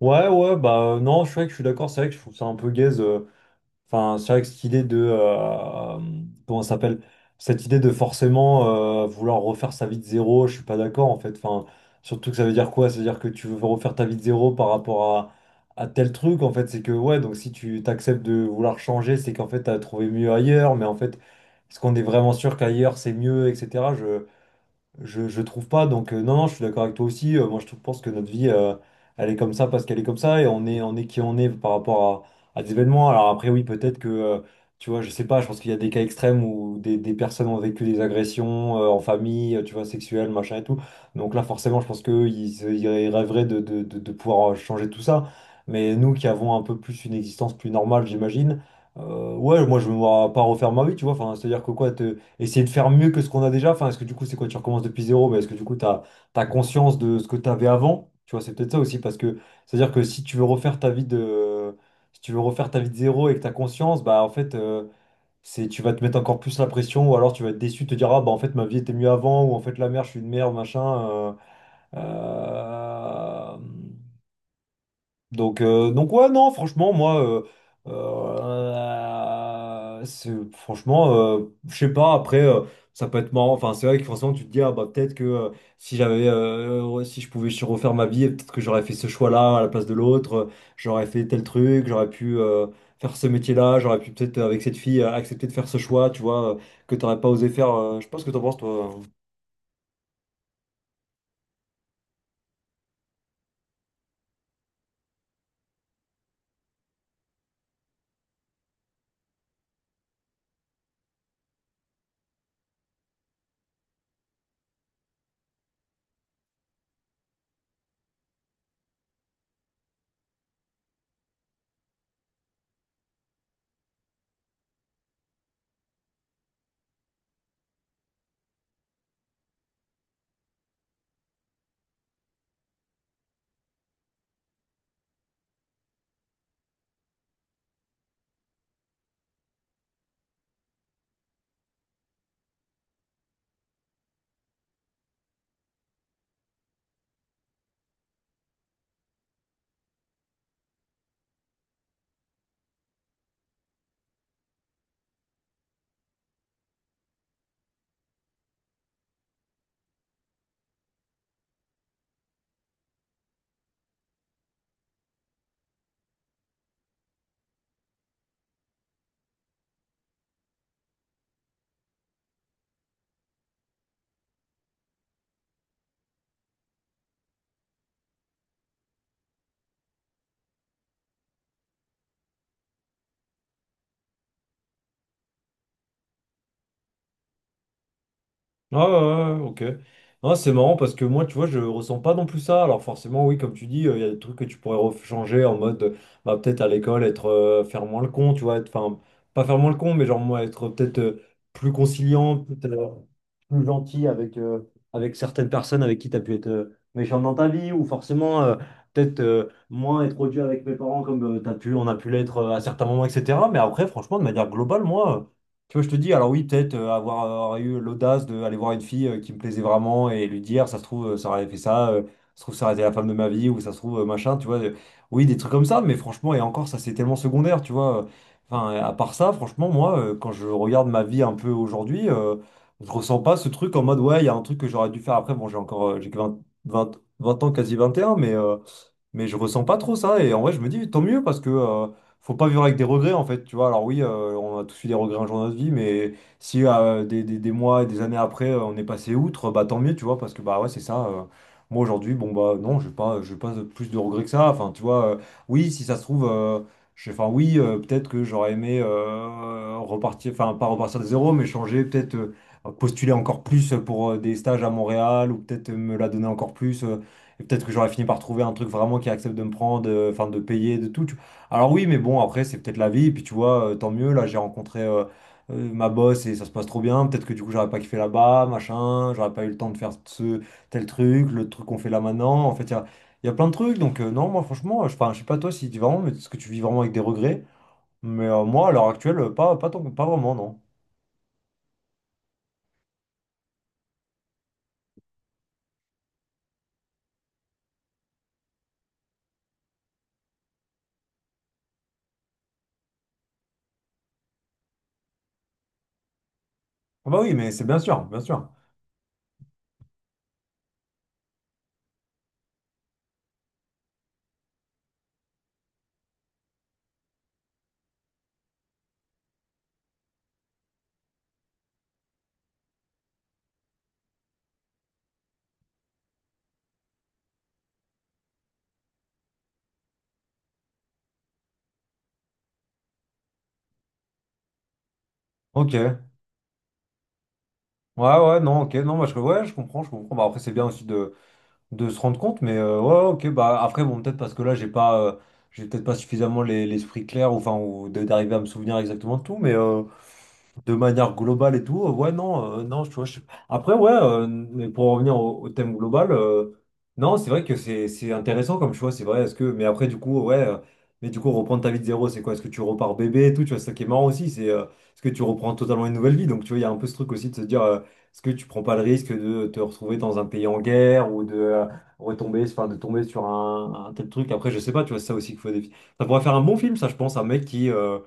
Ouais, ouais, bah non, je suis vrai que je suis d'accord, c'est vrai que je trouve ça un peu gaze. Enfin, c'est vrai que cette idée de, comment ça s'appelle? Cette idée de forcément vouloir refaire sa vie de zéro, je suis pas d'accord en fait. Enfin, surtout que ça veut dire quoi? Ça veut dire que tu veux refaire ta vie de zéro par rapport à, tel truc en fait. C'est que ouais, donc si tu t'acceptes de vouloir changer, c'est qu'en fait t'as trouvé mieux ailleurs, mais en fait, est-ce qu'on est vraiment sûr qu'ailleurs c'est mieux, etc. Je trouve pas, donc non, non, je suis d'accord avec toi aussi. Moi, pense que notre vie, elle est comme ça parce qu'elle est comme ça et on est qui on est par rapport à des événements. Alors après, oui, peut-être que, tu vois, je sais pas, je pense qu'il y a des cas extrêmes où des personnes ont vécu des agressions en famille, tu vois, sexuelles, machin et tout. Donc là, forcément, je pense qu'eux, ils rêveraient de pouvoir changer tout ça. Mais nous qui avons un peu plus une existence plus normale, j'imagine, ouais, moi, je me vois pas refaire ma vie, tu vois. Enfin, c'est-à-dire que quoi, te essayer de faire mieux que ce qu'on a déjà? Enfin, est-ce que du coup, c'est quoi, tu recommences depuis zéro, mais est-ce que du coup, tu as conscience de ce que tu avais avant? Tu vois, c'est peut-être ça aussi, parce que c'est-à-dire que si tu veux refaire ta vie de, si tu veux refaire ta vie de zéro et que tu as conscience, bah en fait, c'est, tu vas te mettre encore plus la pression, ou alors tu vas être déçu, te dire, ah bah en fait, ma vie était mieux avant, ou en fait, la merde, je suis une merde, machin. euh, euh, donc ouais, non, franchement, moi, franchement, je sais pas, après, ça peut être marrant. Enfin, c'est vrai que forcément, tu te dis, ah bah peut-être que si j'avais, ouais, si je pouvais refaire ma vie, peut-être que j'aurais fait ce choix-là à la place de l'autre, j'aurais fait tel truc, j'aurais pu faire ce métier-là, j'aurais pu peut-être, avec cette fille, accepter de faire ce choix, tu vois, que t'aurais pas osé faire. Je pense que t'en penses, toi. Ah ouais, ouais, ouais, ok. Non, c'est marrant parce que moi, tu vois, je ressens pas non plus ça. Alors forcément, oui, comme tu dis, il y a des trucs que tu pourrais changer en mode, bah, peut-être à l'école, être faire moins le con, tu vois, enfin, pas faire moins le con, mais genre moi, être peut-être plus conciliant, peut-être, plus gentil avec, avec certaines personnes avec qui tu as pu être méchant dans ta vie, ou forcément, peut-être moins être odieux avec mes parents comme t'as pu, on a pu l'être à certains moments, etc. Mais après, franchement, de manière globale, moi... Tu vois, je te dis, alors oui, peut-être avoir eu l'audace d'aller voir une fille qui me plaisait vraiment et lui dire, ça se trouve, ça aurait fait ça, ça se trouve, ça aurait été la femme de ma vie, ou ça se trouve, machin, tu vois. Oui, des trucs comme ça, mais franchement, et encore, ça, c'est tellement secondaire, tu vois. Enfin, à part ça, franchement, moi, quand je regarde ma vie un peu aujourd'hui, je ressens pas ce truc en mode, ouais, il y a un truc que j'aurais dû faire après. Bon, j'ai encore, j'ai que 20, 20 20 ans, quasi 21, mais je ressens pas trop ça. Et en vrai, je me dis, tant mieux, parce que faut pas vivre avec des regrets, en fait. Tu vois, alors oui, on a tous eu des regrets un jour de notre vie, mais si des mois et des années après, on est passé outre, bah tant mieux, tu vois, parce que bah ouais, c'est ça. Moi, aujourd'hui, bon, bah non, je pas plus de regrets que ça. Enfin, tu vois, oui, si ça se trouve, enfin, oui, peut-être que j'aurais aimé repartir, enfin, pas repartir de zéro, mais changer, peut-être postuler encore plus pour des stages à Montréal, ou peut-être me la donner encore plus. Et peut-être que j'aurais fini par trouver un truc vraiment qui accepte de me prendre, enfin de payer, de tout. Alors oui, mais bon, après, c'est peut-être la vie. Et puis tu vois, tant mieux. Là, j'ai rencontré ma boss et ça se passe trop bien. Peut-être que du coup, j'aurais pas kiffé là-bas, machin. J'aurais pas eu le temps de faire ce tel truc, le truc qu'on fait là maintenant. En fait, il y a plein de trucs. Donc non, moi, franchement, enfin, je sais pas toi si tu vraiment, mais est-ce que tu vis vraiment avec des regrets? Mais moi, à l'heure actuelle, pas vraiment, non. Ah bah oui, mais c'est bien sûr, bien sûr. Ok. Ouais, ouais, non, ok. Non, moi, ouais, je comprends, je comprends. Bah, après, c'est bien aussi de se rendre compte, mais ouais, ok, bah après, bon, peut-être parce que là, j'ai pas, j'ai peut-être pas suffisamment l'esprit clair, ou enfin, d'arriver à me souvenir exactement de tout, mais, de manière globale et tout, ouais, non, non, tu vois, Après, ouais, mais pour revenir au thème global, non, c'est vrai que c'est intéressant comme choix, c'est vrai, est-ce que... Mais après, du coup, ouais, mais du coup, reprendre ta vie de zéro, c'est quoi? Est-ce que tu repars bébé et tout, tu vois, c'est ça qui est marrant aussi, c'est est-ce que tu reprends totalement une nouvelle vie? Donc, tu vois, il y a un peu ce truc aussi de se dire, est-ce que tu prends pas le risque de te retrouver dans un pays en guerre ou de retomber, enfin, de tomber sur un tel truc? Après, je sais pas, tu vois, c'est ça aussi qu'il faut Ça pourrait faire un bon film, ça, je pense, un mec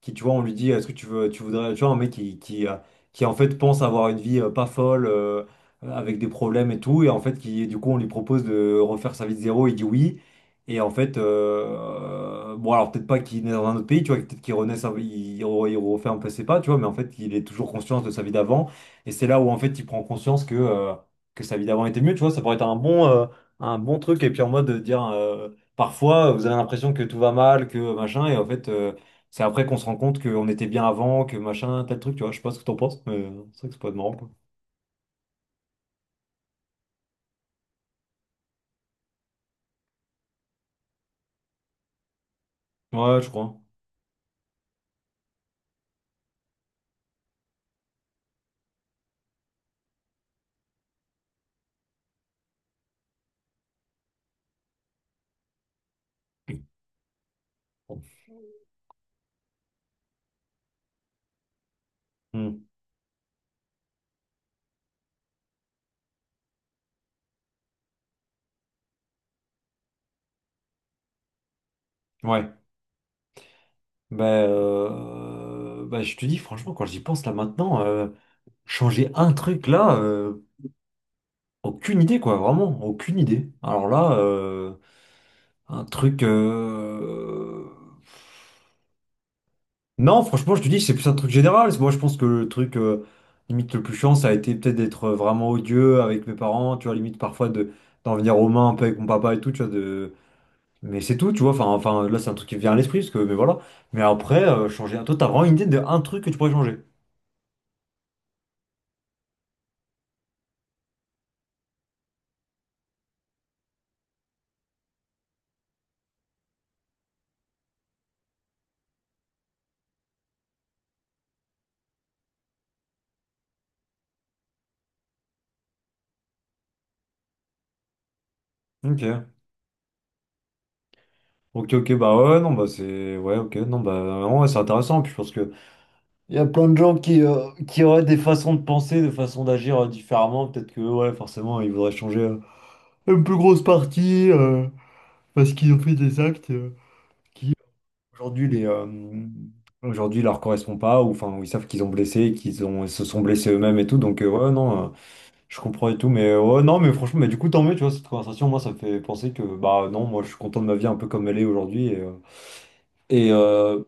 qui tu vois on lui dit, est-ce que tu veux, tu voudrais, tu vois, un mec qui en fait pense avoir une vie pas folle avec des problèmes et tout, et en fait qui du coup on lui propose de refaire sa vie de zéro, il dit oui, et en fait bon alors peut-être pas qu'il est dans un autre pays, tu vois, peut-être qu'il renaît il refait un peu ses pas, tu vois, mais en fait il est toujours conscient de sa vie d'avant, et c'est là où en fait il prend conscience que sa vie d'avant était mieux, tu vois. Ça pourrait être un bon truc, et puis en mode de dire parfois, vous avez l'impression que tout va mal, que machin, et en fait, c'est après qu'on se rend compte qu'on était bien avant, que machin, tel truc, tu vois. Je sais pas ce que t'en penses, mais c'est vrai que c'est pas marrant, quoi. Ouais, je crois. Hmm. Ouais. Bah, je te dis, franchement, quand j'y pense là maintenant, changer un truc là, aucune idée, quoi. Vraiment, aucune idée. Alors là, un truc. Non, franchement, je te dis, c'est plus un truc général. Moi, je pense que le truc limite le plus chiant, ça a été peut-être d'être vraiment odieux avec mes parents, tu vois, limite parfois de d'en venir aux mains un peu avec mon papa et tout, tu vois, de... Mais c'est tout, tu vois, enfin là, c'est un truc qui me vient à l'esprit, parce que, mais voilà. Mais après, changer... Toi, t'as vraiment une idée de un truc que tu pourrais changer. Ok. Ok, ok, bah ouais, non, bah c'est... Ouais, ok, non, bah ouais, c'est intéressant, puis je pense que... Il y a plein de gens qui auraient des façons de penser, des façons d'agir différemment, peut-être que, ouais, forcément, ils voudraient changer une plus grosse partie... parce qu'ils ont fait des actes. Aujourd'hui, les, euh, aujourd'hui, il leur correspond pas, ou enfin, ils savent qu'ils ont, ils se sont blessés eux-mêmes et tout, donc ouais, non, je comprends et tout, mais ouais, non, mais franchement, mais du coup, tant mieux, tu vois, cette conversation, moi, ça me fait penser que, bah non, moi, je suis content de ma vie un peu comme elle est aujourd'hui, et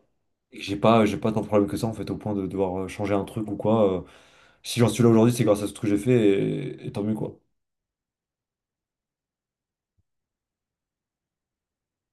j'ai pas tant de problèmes que ça, en fait, au point de devoir changer un truc ou quoi. Si j'en suis là aujourd'hui, c'est grâce à ce que j'ai fait, et tant mieux, quoi.